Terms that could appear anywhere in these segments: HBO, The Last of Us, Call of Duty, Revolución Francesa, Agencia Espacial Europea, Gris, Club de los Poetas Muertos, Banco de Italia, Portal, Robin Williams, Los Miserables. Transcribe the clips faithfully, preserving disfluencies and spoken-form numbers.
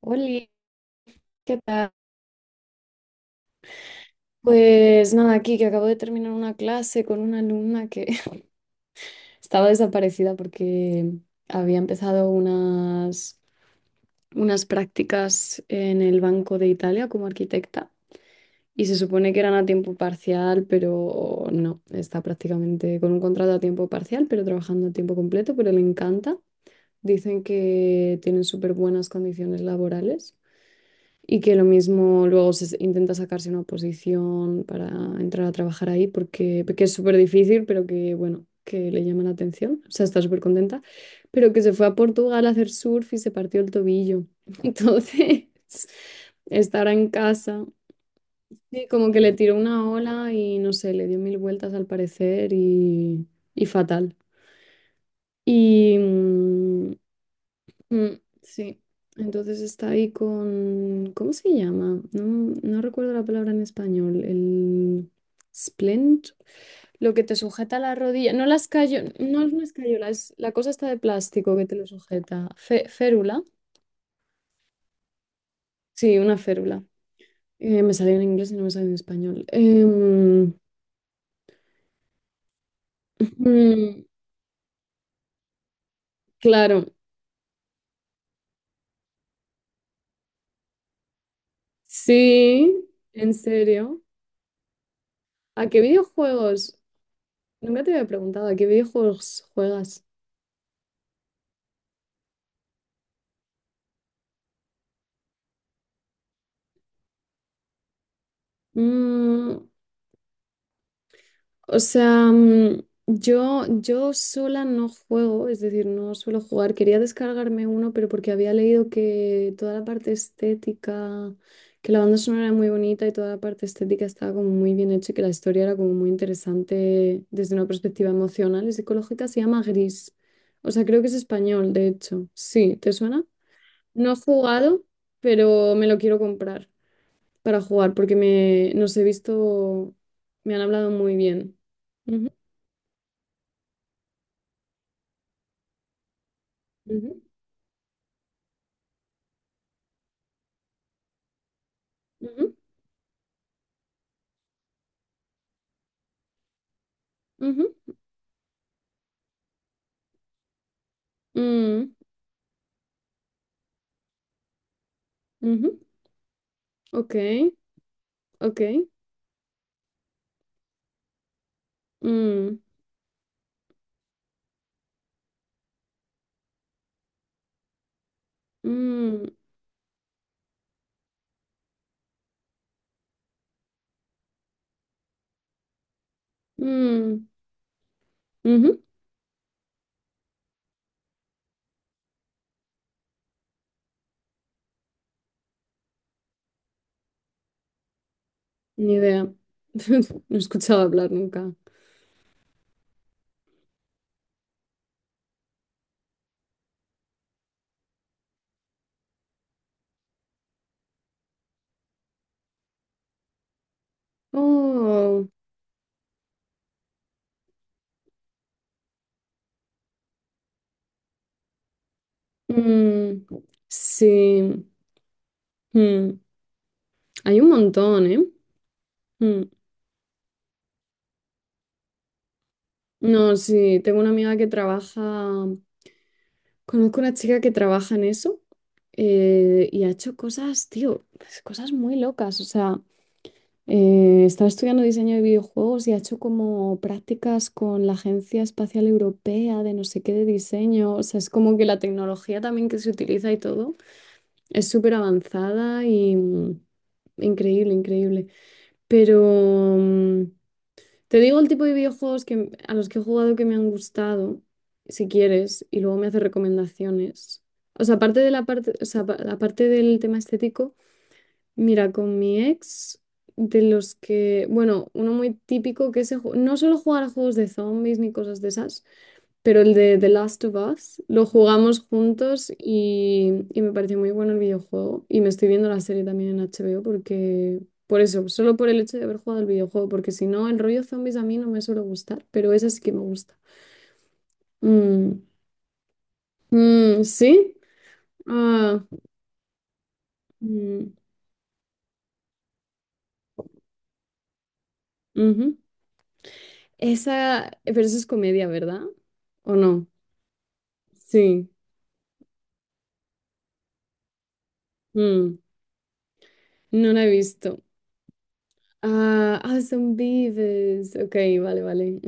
Hola, ¿qué tal? Pues nada, aquí que acabo de terminar una clase con una alumna que estaba desaparecida porque había empezado unas, unas prácticas en el Banco de Italia como arquitecta y se supone que eran a tiempo parcial, pero no, está prácticamente con un contrato a tiempo parcial, pero trabajando a tiempo completo, pero le encanta. Dicen que tienen súper buenas condiciones laborales. Y que lo mismo luego se intenta sacarse una oposición para entrar a trabajar ahí porque, porque es súper difícil, pero que bueno, que le llama la atención, o sea, está súper contenta, pero que se fue a Portugal a hacer surf y se partió el tobillo. Entonces, está ahora en casa. Sí, como que le tiró una ola y no sé, le dio mil vueltas al parecer y, y fatal. Y, mm, Mm, sí, entonces está ahí con, ¿cómo se llama? No, no recuerdo la palabra en español, el splint, lo que te sujeta la rodilla, no las escayola, no es una escayola, es la cosa está de plástico que te lo sujeta, Fe- férula, sí, una férula. Eh, me salió en inglés y no me salió en español. Em, mm, claro, sí, en serio. ¿A qué videojuegos? Nunca te había preguntado, ¿a qué videojuegos juegas? Mm, O sea, mm, yo, yo sola no juego, es decir, no suelo jugar. Quería descargarme uno, pero porque había leído que toda la parte estética, que la banda sonora era muy bonita y toda la parte estética estaba como muy bien hecha y que la historia era como muy interesante desde una perspectiva emocional y psicológica, se llama Gris. O sea, creo que es español, de hecho. Sí, ¿te suena? No he jugado, pero me lo quiero comprar para jugar porque me, nos he visto, me han hablado muy bien. Ujú, ujú, ujú, mm, ujú, ok, ok. Mm, mm, mm, ujú, ni idea. No he escuchado hablar nunca. Oh, mm, sí. mm, Hay un montón, ¿eh? Mm, No, sí, tengo una amiga que trabaja, conozco una chica que trabaja en eso eh, y ha hecho cosas, tío, cosas muy locas, o sea... Eh, estaba estudiando diseño de videojuegos y ha hecho como prácticas con la Agencia Espacial Europea de no sé qué de diseño. O sea, es como que la tecnología también que se utiliza y todo es súper avanzada y mm, increíble, increíble. Pero mm, te digo el tipo de videojuegos que, a los que he jugado que me han gustado, si quieres, y luego me haces recomendaciones. O sea, aparte de la parte, o sea, pa- aparte del tema estético. Mira, con mi ex, de los que, bueno, uno muy típico que se ju- no solo jugar a juegos de zombies ni cosas de esas, pero el de The Last of Us lo jugamos juntos y, y me pareció muy bueno el videojuego. Y me estoy viendo la serie también en H B O porque, por eso, solo por el hecho de haber jugado el videojuego, porque si no, el rollo zombies a mí no me suele gustar, pero esa sí que me gusta. Mm, mm, ¿sí? Ah, mm, ujú. Esa, pero eso es comedia, ¿verdad? ¿O no? Sí, mm, no la he visto. Ah, ah, son vives. Ok, vale, vale.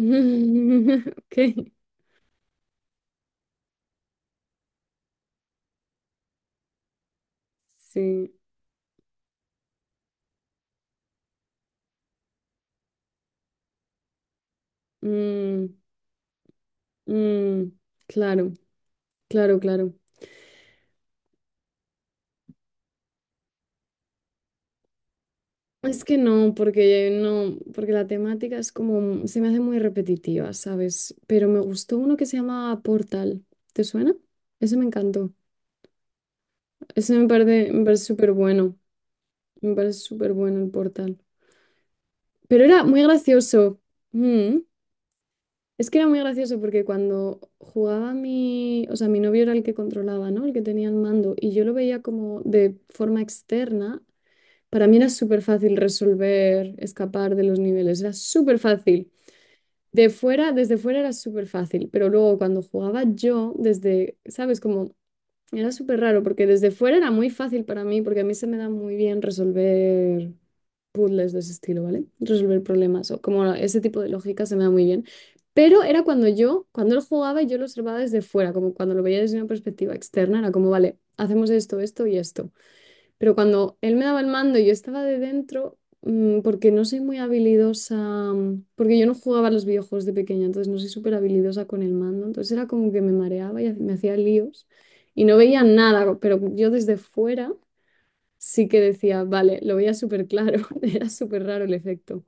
Ok, sí. Mm, mm, claro, claro, claro. Es que no, porque no, porque la temática es como, se me hace muy repetitiva, ¿sabes? Pero me gustó uno que se llama Portal. ¿Te suena? Ese me encantó. Ese me parece, me parece súper bueno. Me parece súper bueno el Portal. Pero era muy gracioso. Mm. Es que era muy gracioso porque cuando jugaba mi, o sea, mi novio era el que controlaba, ¿no? El que tenía el mando y yo lo veía como de forma externa, para mí era súper fácil resolver, escapar de los niveles, era súper fácil. De fuera, desde fuera era súper fácil, pero luego cuando jugaba yo, desde, ¿sabes? Como era súper raro porque desde fuera era muy fácil para mí, porque a mí se me da muy bien resolver puzzles de ese estilo, ¿vale? Resolver problemas o como ese tipo de lógica se me da muy bien. Pero era cuando yo, cuando él jugaba, y yo lo observaba desde fuera, como cuando lo veía desde una perspectiva externa, era como, vale, hacemos esto, esto y esto. Pero cuando él me daba el mando y yo estaba de dentro, mm, porque no soy muy habilidosa, mm, porque yo no jugaba a los videojuegos de pequeña, entonces no soy súper habilidosa con el mando, entonces era como que me mareaba y ha- me hacía líos y no veía nada, pero yo desde fuera sí que decía, vale, lo veía súper claro, era súper raro el efecto.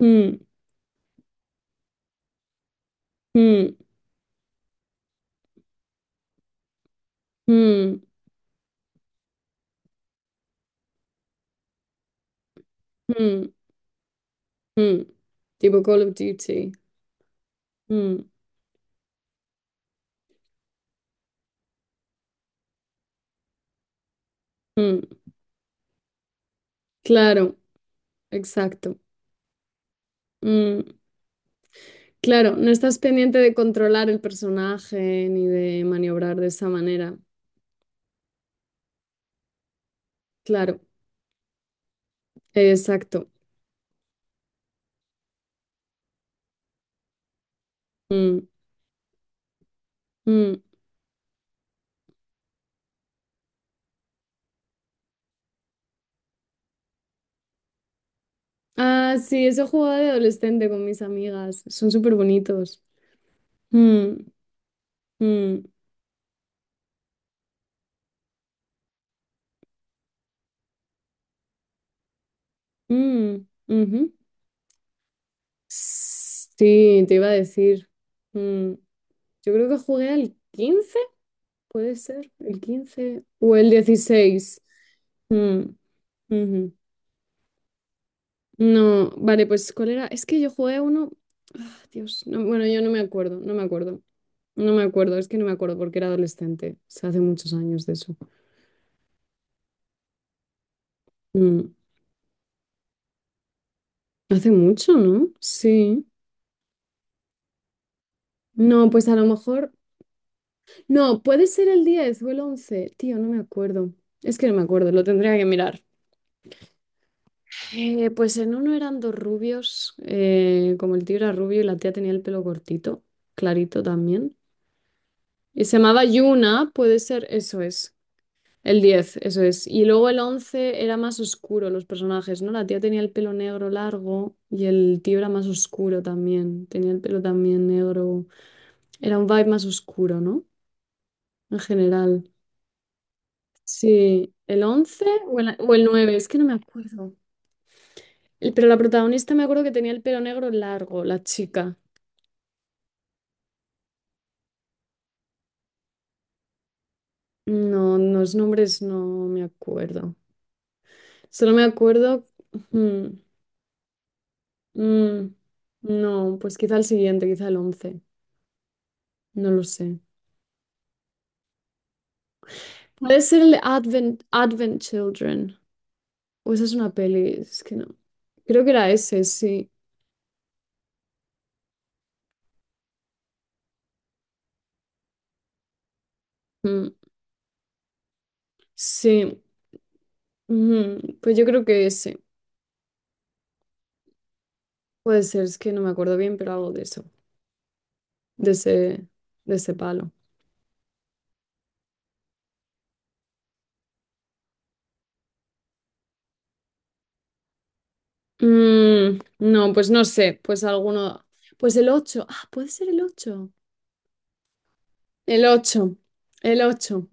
Mm, mm, mm, mm, mm. Tipo Call of Duty. Mm, mm. Claro, exacto. Mm. Claro, no estás pendiente de controlar el personaje ni de maniobrar de esa manera. Claro, exacto. Mm, mm. Ah, sí, eso jugaba de adolescente con mis amigas. Son súper bonitos. Mm, mm, mm, ujú. Sí, te iba a decir. Mm, Yo creo que jugué al quince, puede ser, el quince o el dieciséis. Mm, ujú. No, vale, pues ¿cuál era? Es que yo jugué a uno. Ah, Dios, no- bueno, yo no me acuerdo, no me acuerdo. No me acuerdo, es que no me acuerdo porque era adolescente. O sea, hace muchos años de eso. Mm, Hace mucho, ¿no? Sí. No, pues a lo mejor. No, puede ser el diez o el once. Tío, no me acuerdo. Es que no me acuerdo, lo tendría que mirar. Eh, pues en uno eran dos rubios, eh, como el tío era rubio y la tía tenía el pelo cortito, clarito también. Y se llamaba Yuna, puede ser, eso es. El diez, eso es. Y luego el once era más oscuro los personajes, ¿no? La tía tenía el pelo negro largo y el tío era más oscuro también. Tenía el pelo también negro. Era un vibe más oscuro, ¿no? En general. Sí, el once o el, o el nueve es que no me acuerdo. El- pero la protagonista me acuerdo que tenía el pelo negro largo, la chica. No, los nombres no me acuerdo. Solo me acuerdo... mm, mm, no, pues quizá el siguiente, quizá el once. No lo sé. Puede ser el de Advent, Advent Children. O esa es una peli, es que no. Creo que era ese, sí. Mm, sí. Ujú, pues yo creo que ese. Puede ser, es que no me acuerdo bien, pero algo de eso. De ese, de ese palo. Mm, no, pues no sé. Pues alguno. Pues el ocho. Ah, puede ser el ocho. El ocho. El ocho.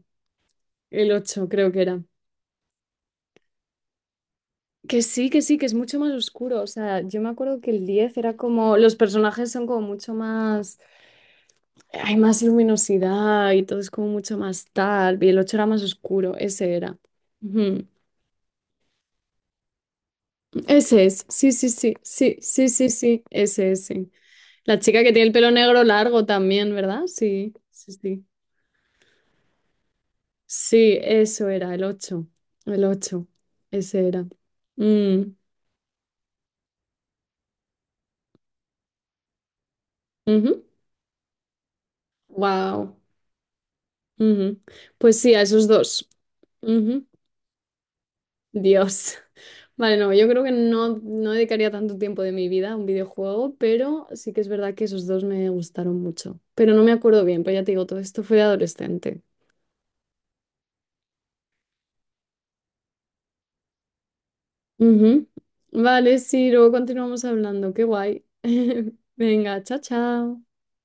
El ocho creo que era. Que sí, que sí, que es mucho más oscuro. O sea, yo me acuerdo que el diez era como. Los personajes son como mucho más. Hay más luminosidad y todo es como mucho más tal. Y el ocho era más oscuro, ese era. Ujú. Ese es, sí, sí, sí, sí, sí, sí, sí, ese es. Sí. La chica que tiene el pelo negro largo también, ¿verdad? Sí, sí, sí. Sí, eso era, el ocho. El ocho, ese era. Mm, ujú. Wow. Ujú. Pues sí, a esos dos. Ujú. Dios. Vale, no, yo creo que no, no dedicaría tanto tiempo de mi vida a un videojuego, pero sí que es verdad que esos dos me gustaron mucho. Pero no me acuerdo bien, pues ya te digo, todo esto fue de adolescente. Ujú. Vale, sí, luego continuamos hablando, qué guay. Venga, chao, chao.